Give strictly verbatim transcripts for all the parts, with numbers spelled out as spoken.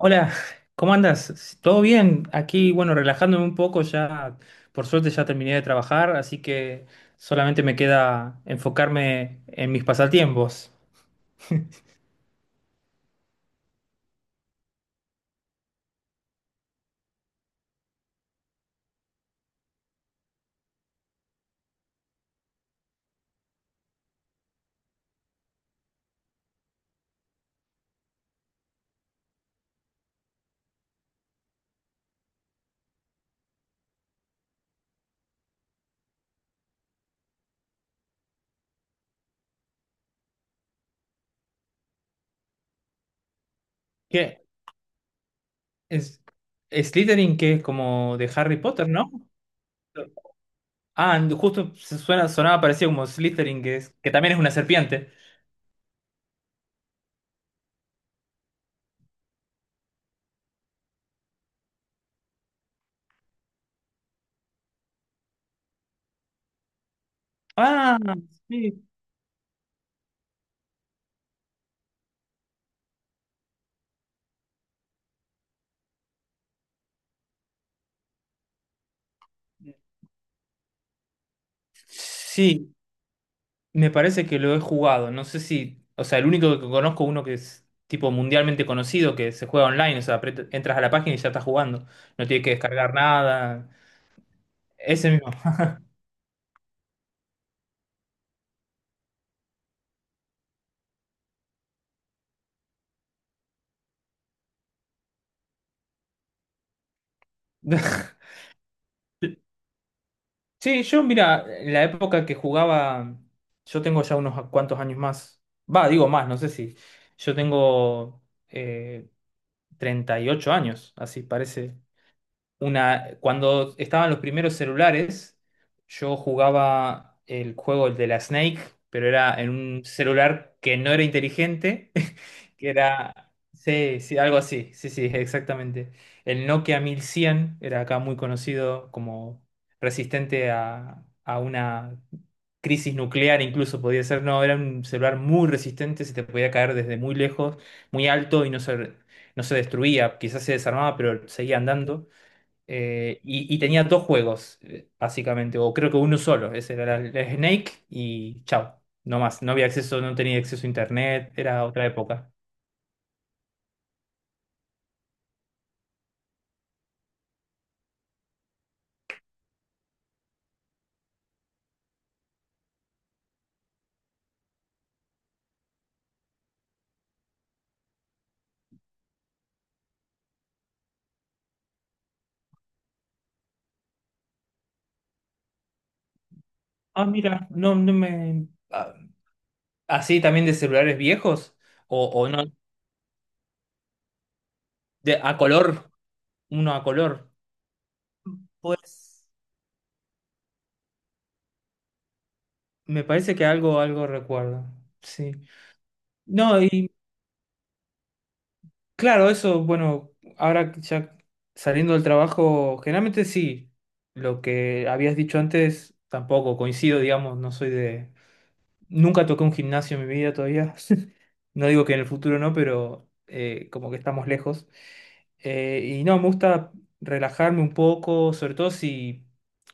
Hola, ¿cómo andas? ¿Todo bien? Aquí, bueno, relajándome un poco, ya por suerte ya terminé de trabajar, así que solamente me queda enfocarme en mis pasatiempos. ¿Qué? Es, Slytherin, que es como de Harry Potter, ¿no? Ah, justo se suena, sonaba parecido como Slytherin, que es, que también es una serpiente. Ah, sí. Sí, me parece que lo he jugado. No sé si. O sea, el único que conozco, uno que es tipo mundialmente conocido, que se juega online. O sea, apret- entras a la página y ya estás jugando. No tienes que descargar nada. Ese mismo. Sí, yo, mira, en la época que jugaba. Yo tengo ya unos cuantos años más. Va, digo más, no sé si. Yo tengo eh, treinta y ocho años, así parece. Una, cuando estaban los primeros celulares, yo jugaba el juego el de la Snake, pero era en un celular que no era inteligente, que era, sí, sí, algo así, sí, sí, exactamente. El Nokia mil cien era acá muy conocido como resistente a, a una crisis nuclear, incluso podía ser, no, era un celular muy resistente, se te podía caer desde muy lejos, muy alto y no se, no se destruía, quizás se desarmaba, pero seguía andando. Eh, y, y tenía dos juegos, eh, básicamente, o creo que uno solo. Ese era el el Snake y chao. No más, no había acceso, no tenía acceso a internet, era otra época. Ah, mira, no, no me. ah, ¿así también de celulares viejos? ¿O, o no? De, a color, uno a color. Pues me parece que algo, algo recuerdo. Sí. No, y claro, eso, bueno, ahora ya saliendo del trabajo, generalmente sí. Lo que habías dicho antes, tampoco coincido, digamos, no soy de... Nunca toqué un gimnasio en mi vida todavía. No digo que en el futuro no, pero eh, como que estamos lejos. Eh, y no, me gusta relajarme un poco, sobre todo si...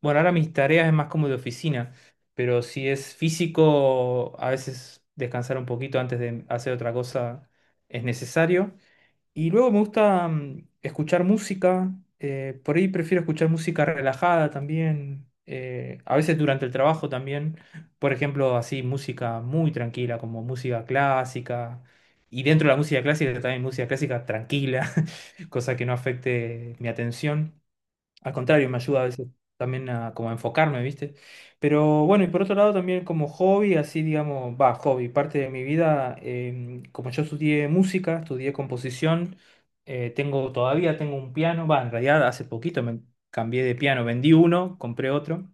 Bueno, ahora mis tareas es más como de oficina, pero si es físico, a veces descansar un poquito antes de hacer otra cosa es necesario. Y luego me gusta mm, escuchar música, eh, por ahí prefiero escuchar música relajada también, eh, a veces durante el trabajo también, por ejemplo, así música muy tranquila, como música clásica, y dentro de la música clásica también música clásica tranquila, cosa que no afecte mi atención. Al contrario, me ayuda a veces también a como a enfocarme, ¿viste? Pero bueno, y por otro lado también como hobby, así digamos, va, hobby, parte de mi vida, em, como yo estudié música, estudié composición, eh, tengo todavía tengo un piano, va, en realidad hace poquito me cambié de piano, vendí uno, compré otro, o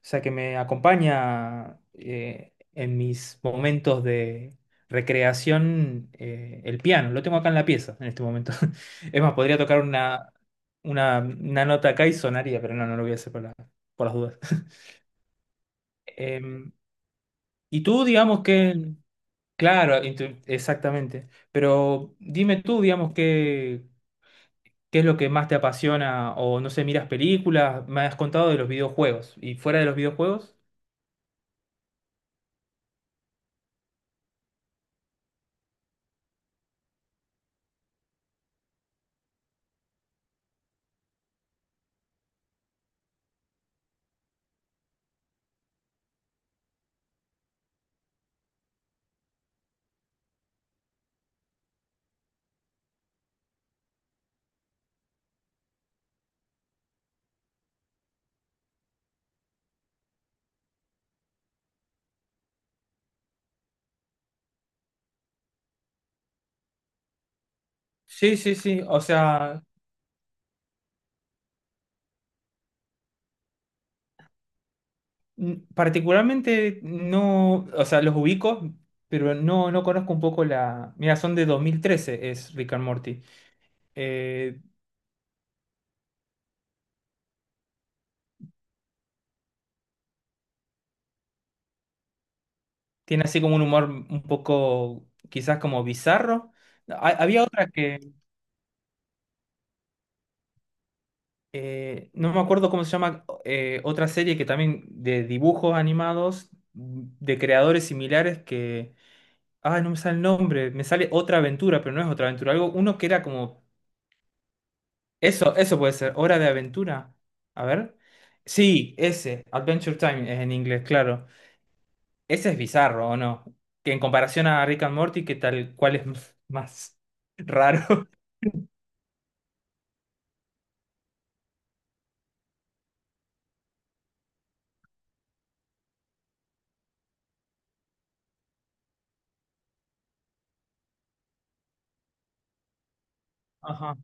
sea que me acompaña eh, en mis momentos de recreación eh, el piano, lo tengo acá en la pieza en este momento. Es más, podría tocar una, una, una nota acá y sonaría, pero no, no lo voy a hacer por, la- por las dudas. Em, y tú, digamos que, claro, y tú- exactamente, pero dime tú, digamos, que, qué es lo que más te apasiona o no sé, miras películas, me has contado de los videojuegos y fuera de los videojuegos. Sí, sí, sí, o sea, n- particularmente no, o sea, los ubico, pero no, no conozco un poco la... Mira, son de dos mil trece, es Rick and Morty. Eh, Tiene así como un humor un poco, quizás como bizarro. Ha- había otra que, eh, no me acuerdo cómo se llama, eh, otra serie que también de dibujos animados, de creadores similares que... Ah, no me sale el nombre, me sale Otra Aventura, pero no es Otra Aventura, algo, uno que era como... Eso, eso puede ser, Hora de Aventura. A ver. Sí, ese, Adventure Time es en inglés, claro. Ese es bizarro, ¿o no? Que en comparación a Rick and Morty, que tal cual es más raro. Ajá.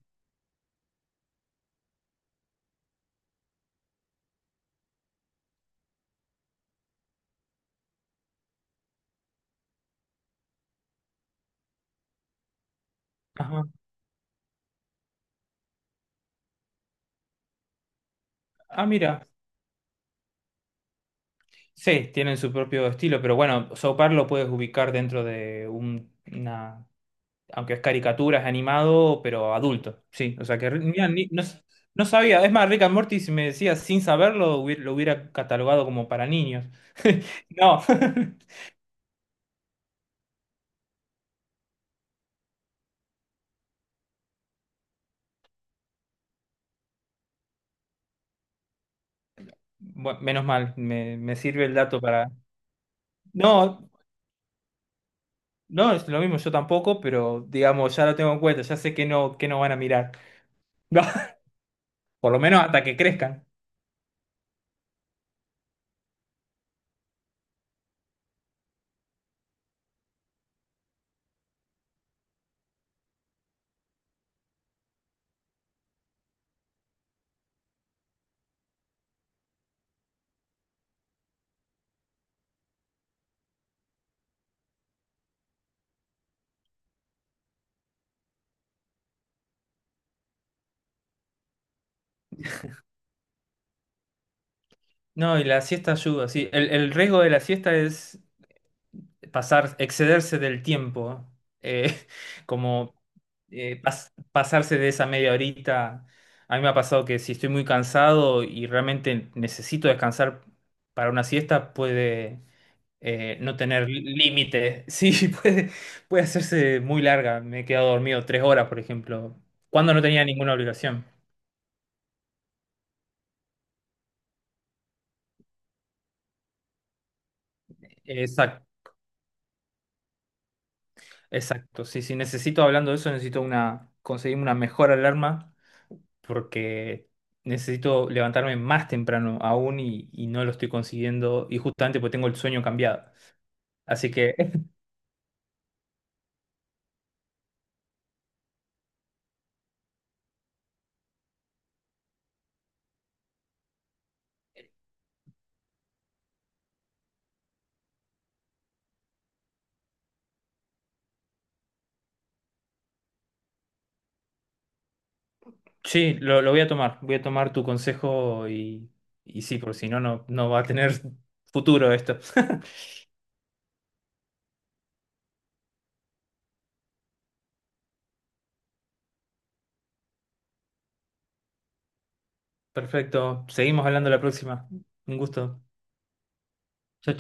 Ajá. Ah, mira, sí, tienen su propio estilo, pero bueno, South Park lo puedes ubicar dentro de un- una, aunque es caricatura, es animado, pero adulto, sí, o sea que mira, ni- no, s- no sabía, es más, Rick and Morty, si me decías sin saberlo, hubiera- lo hubiera catalogado como para niños. No, bueno, menos mal, me, me sirve el dato para... No, no, es lo mismo, yo tampoco, pero digamos, ya lo tengo en cuenta, ya sé que no, que no van a mirar, no, por lo menos hasta que crezcan. No, y la siesta ayuda, sí. El, el riesgo de la siesta es pasar, excederse del tiempo, eh, como eh, pas- pasarse de esa media horita. A mí me ha pasado que si estoy muy cansado y realmente necesito descansar para una siesta, puede eh, no tener lí- límite. Sí, puede, puede hacerse muy larga. Me he quedado dormido tres horas, por ejemplo, cuando no tenía ninguna obligación. Exacto. Exacto, sí, sí, necesito, hablando de eso, necesito una, conseguirme una mejor alarma porque necesito levantarme más temprano aún y, y no lo estoy consiguiendo y justamente porque tengo el sueño cambiado. Así que eh, sí, lo, lo voy a tomar, voy a tomar tu consejo y, y sí, porque si no, no, no va a tener futuro esto. Perfecto, seguimos hablando la próxima. Un gusto. Chao,